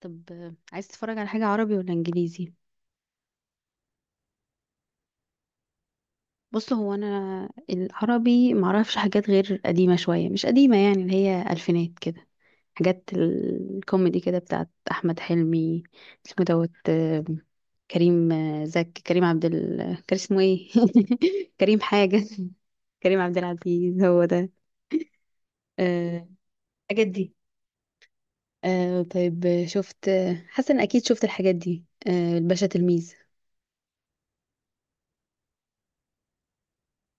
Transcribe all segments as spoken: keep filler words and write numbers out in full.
طب، آه، عايز تتفرج على حاجة عربي ولا انجليزي؟ بص، هو انا العربي معرفش حاجات غير قديمة شوية، مش قديمة يعني، اللي هي الفينات كده. حاجات الكوميدي كده بتاعت احمد حلمي. اسمه دوت آه، كريم، آه، زك كريم عبد ال... كان اسمه ايه؟ كريم حاجة. كريم عبد العزيز هو ده. آه، الحاجات دي. آه، طيب، آه، شفت آه، حسن اكيد شفت الحاجات دي، آه، الباشا تلميذ.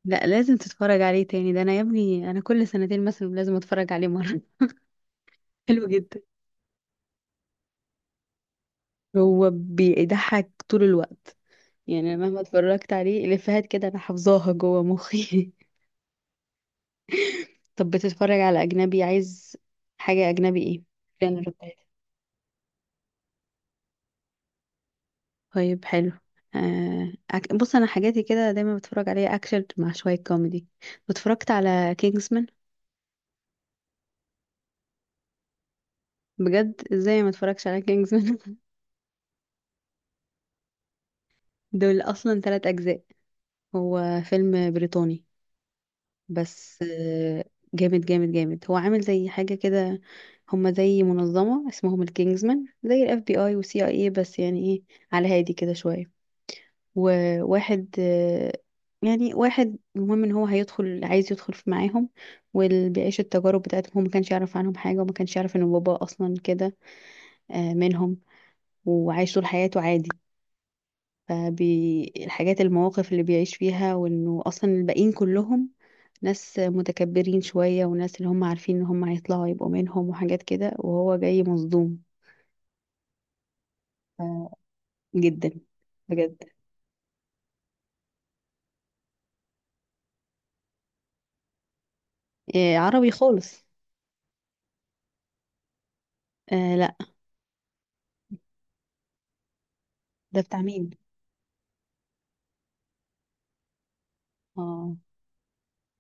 لا، لازم تتفرج عليه تاني، ده انا يا ابني انا كل سنتين مثلا لازم اتفرج عليه مره. حلو جدا. هو بيضحك طول الوقت، يعني أنا مهما اتفرجت عليه الافيهات كده انا حافظاها جوه مخي. طب بتتفرج على اجنبي؟ عايز حاجه اجنبي ايه؟ الجنرا بتاعتها؟ طيب حلو. آه أك... بص انا حاجاتي كده دايما بتفرج عليها اكشن مع شويه كوميدي. اتفرجت على كينجزمان؟ بجد؟ ازاي ما اتفرجش على كينجزمان؟ دول اصلا ثلاث اجزاء. هو فيلم بريطاني بس، آه، جامد جامد جامد. هو عامل زي حاجة كده، هما زي منظمة اسمهم الكينجزمان، زي الاف بي اي وسي اي اي بس يعني، ايه، على هادي كده شوية. وواحد آه، يعني واحد المهم ان هو هيدخل، عايز يدخل في معاهم، واللي بيعيش التجارب بتاعتهم. هو ما كانش يعرف عنهم حاجة، وما كانش يعرف ان بابا اصلا كده آه، منهم، وعايش طول حياته عادي. فالحاجات، المواقف اللي بيعيش فيها، وانه اصلا الباقيين كلهم ناس متكبرين شوية، وناس اللي هم عارفين ان هم هيطلعوا يبقوا منهم وحاجات كده، وهو جاي مصدوم. ف- جدا، بجد. إيه عربي خالص. آه لا. ده بتاع مين؟ اه،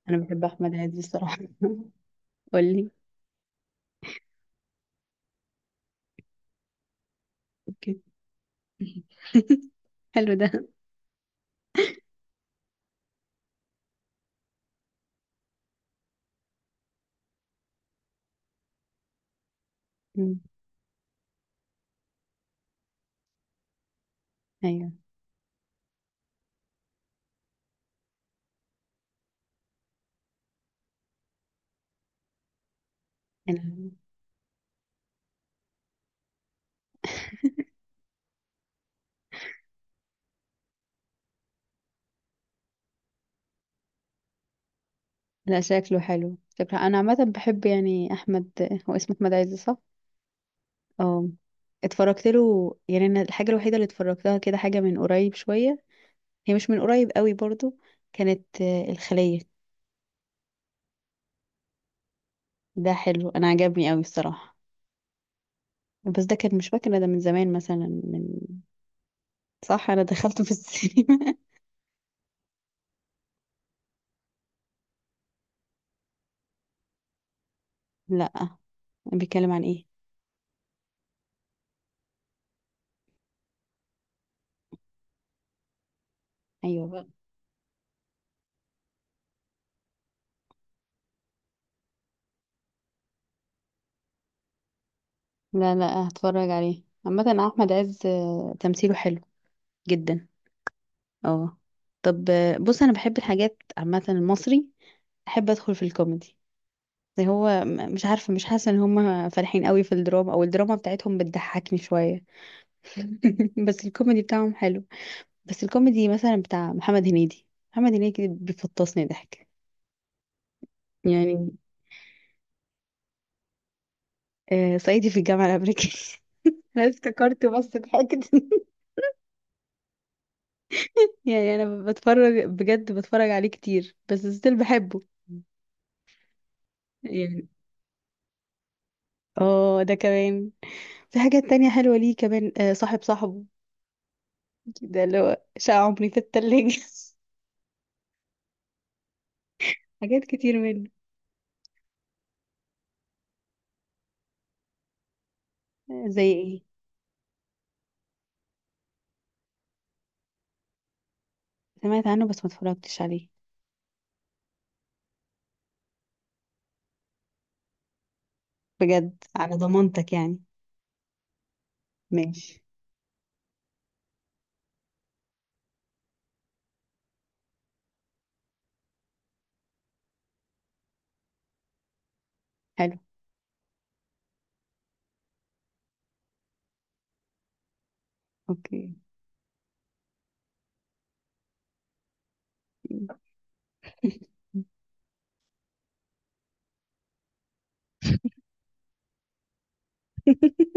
انا بحب احمد عز الصراحة. قولي. اوكي. حلو ده. مم. ايوه. انا. لا شكله حلو، شكله. انا عامة بحب يعني احمد، هو اسمه احمد عز صح؟ اه. اتفرجت له يعني، انا الحاجة الوحيدة اللي اتفرجتها كده حاجة من قريب شوية، هي مش من قريب قوي برضو، كانت آه، الخلية. ده حلو، انا عجبني قوي الصراحة. بس ده كان مش فاكرة، ده من زمان مثلا من... صح، انا دخلته في السينما. لا. بيتكلم عن ايه؟ ايوه بقى. لا لا، هتفرج عليه. عامة احمد عز آه، تمثيله حلو جدا. اه. طب، آه، بص انا بحب الحاجات عامة المصري، احب ادخل في الكوميدي. زي هو م- مش عارفة، مش حاسة ان هم فالحين قوي في الدراما، او الدراما بتاعتهم بتضحكني شوية. بس الكوميدي بتاعهم حلو. بس الكوميدي مثلا بتاع محمد هنيدي، محمد هنيدي بيفطسني ضحك. يعني، آه صعيدي في الجامعة الأمريكية. أنا افتكرت بس ضحكت. يعني أنا بتفرج بجد، بتفرج عليه كتير بس ستيل بحبه. يعني اه، ده كمان. في حاجات تانية حلوة ليه كمان، آه صاحب صاحبه، ده اللي هو شقة عمري في التلاجة. حاجات كتير منه. آه، زي ايه؟ سمعت عنه بس ما اتفرجتش عليه. بجد؟ على ضمانتك يعني؟ ماشي. حلو. اوكي.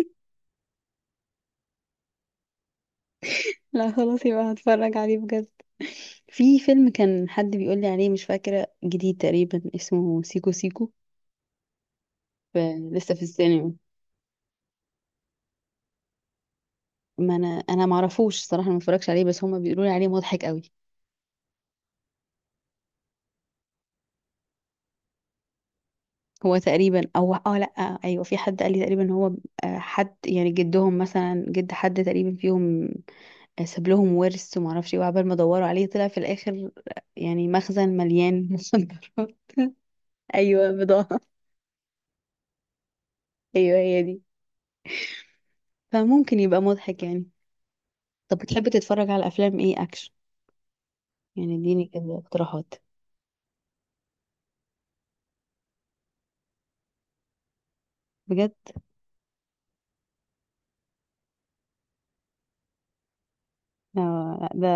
لا خلاص، يبقى هتفرج عليه بجد. في فيلم كان حد بيقول لي عليه، مش فاكرة، جديد تقريبا، اسمه سيكو سيكو. ف- لسه في السينما. ما انا انا ما اعرفوش صراحة، ما اتفرجش عليه، بس هما بيقولوا لي عليه مضحك قوي. هو تقريبا، او اه لا. ايوه، في حد قال لي تقريبا ان هو، آه، حد يعني جدهم مثلا، جد حد تقريبا فيهم، آه، ساب لهم ورث، وما اعرفش ايه، وعبال ما دوروا عليه طلع في الاخر آه، يعني مخزن مليان مخدرات. ايوه، بضاعة. ايوه هي دي. فممكن يبقى مضحك يعني. طب بتحب تتفرج على افلام ايه؟ اكشن يعني؟ اديني كده اقتراحات. بجد. لا، لا، ده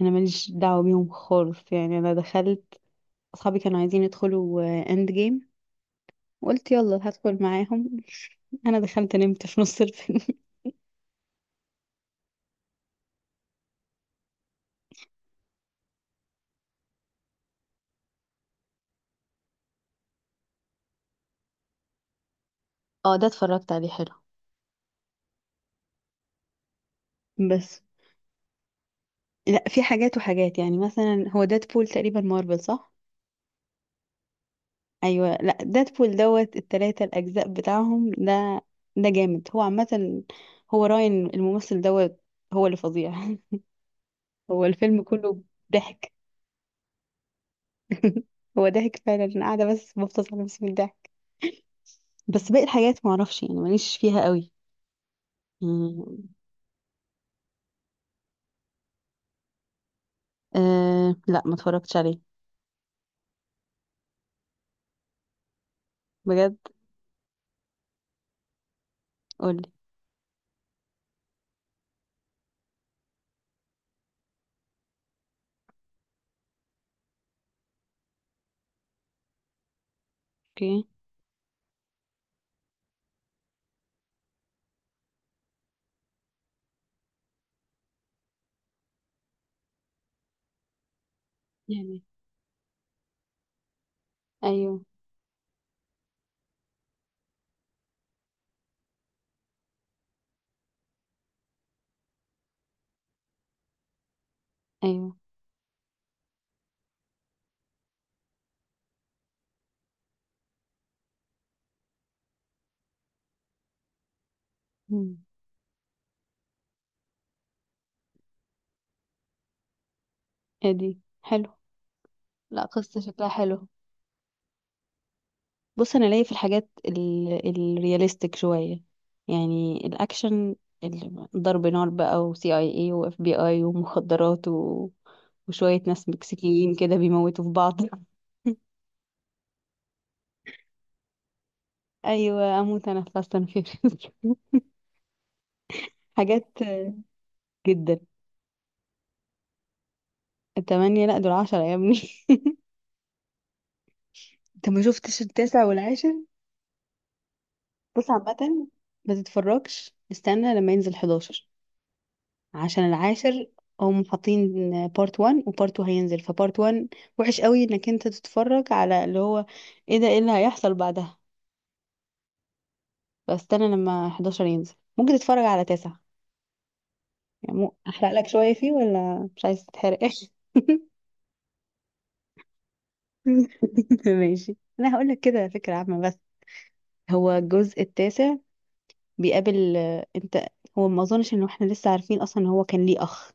انا ماليش دعوه بيهم خالص. يعني انا دخلت، اصحابي كانوا عايزين يدخلوا اند جيم، وقلت يلا هدخل معاهم. انا دخلت نمت في نص الفيلم. اه، ده اتفرجت عليه، حلو. بس لا، في حاجات وحاجات. يعني مثلا هو ديدبول تقريبا مارفل صح؟ ايوه. لا ديدبول دوت التلاتة الاجزاء بتاعهم ده، ده جامد هو عامه. هو راين الممثل دوت هو اللي فظيع. هو الفيلم كله ضحك. هو ضحك فعلا، انا قاعده بس بفطس على نفسي من الضحك. بس باقي الحاجات ما اعرفش يعني، ماليش فيها قوي. يعني. أه لا، ما اتفرجتش عليه. بجد. قولي. اوكي. يعني. ايوه. ايوه. مم. ادي حلو. لا، قصة شكلها حلو. بص انا ليا في الحاجات ال... الرياليستيك شوية، يعني الاكشن، ال- ضرب نار بقى، وسي اي اي واف بي اي ومخدرات و... وشوية ناس مكسيكيين كده بيموتوا في بعض. ايوه، اموت انا في فاست اند فيوريوس. حاجات. جدا. التمانية؟ لا دول عشرة يا ابني. انت ما شفتش التاسع والعاشر؟ بص عامة، ما تتفرجش، استنى لما ينزل أحد عشر، عشان العاشر هم حاطين بارت واحد وبارت اتنين، هينزل فبارت واحد وحش قوي انك انت تتفرج على اللي هو، ايه ده، ايه اللي هيحصل بعدها. فاستنى لما أحد عشر ينزل، ممكن تتفرج على تاسع. يعني مو، احرق لك شوية فيه ولا مش عايز تتحرق؟ ماشي. انا هقول لك كده فكرة عامة بس. هو الجزء التاسع بيقابل آه، انت، هو ما اظنش ان احنا لسه عارفين اصلا ان هو كان ليه اخ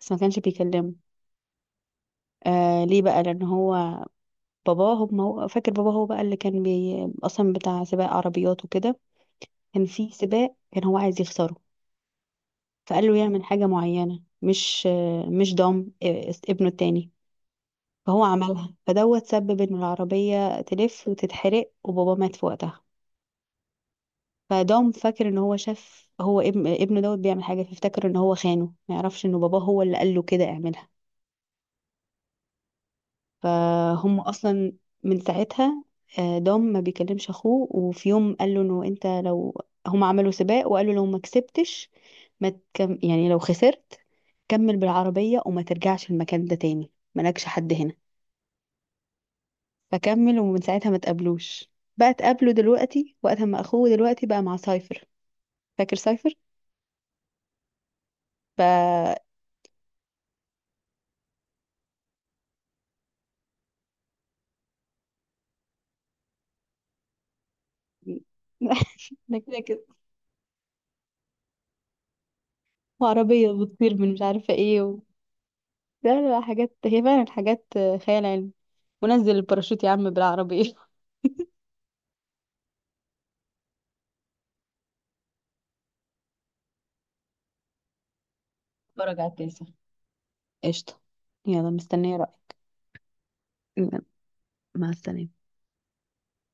بس ما كانش بيكلمه. آه ليه بقى؟ لان هو باباه، هو ما هو فاكر باباه هو بقى اللي كان بي اصلا بتاع سباق عربيات وكده. كان في سباق كان هو عايز يخسره، فقال له يعمل حاجة معينة، مش آه، مش ضم آه، ابنه التاني فهو عملها، فدوت سبب ان العربية تلف وتتحرق، وبابا مات في وقتها. فدوم فاكر ان هو شاف، هو ابن ابنه دوت بيعمل حاجه، فافتكر ان هو خانه، ما يعرفش ان باباه هو اللي قال له كده اعملها. فهم اصلا من ساعتها آه، دوم ما بيكلمش اخوه. وفي يوم قال له انه انت لو، هم عملوا سباق وقالوا لو ما كسبتش، ما تكم... يعني لو خسرت، كمل بالعربيه وما ترجعش المكان ده تاني، مالكش حد هنا. فكمل، ومن ساعتها ما تقابلوش. بقى تقابله دلوقتي وقت ما اخوه دلوقتي بقى مع سايفر. فاكر سايفر؟ انا كده كده. وعربية بتطير من مش عارفة ايه و... لا لا لا، حاجات هي فعلا حاجات خيال علمي. ونزل الباراشوت يا عم بالعربية. اتفرج على التاسع. قشطة. يلا، مستنية رأيك. مع السلامة.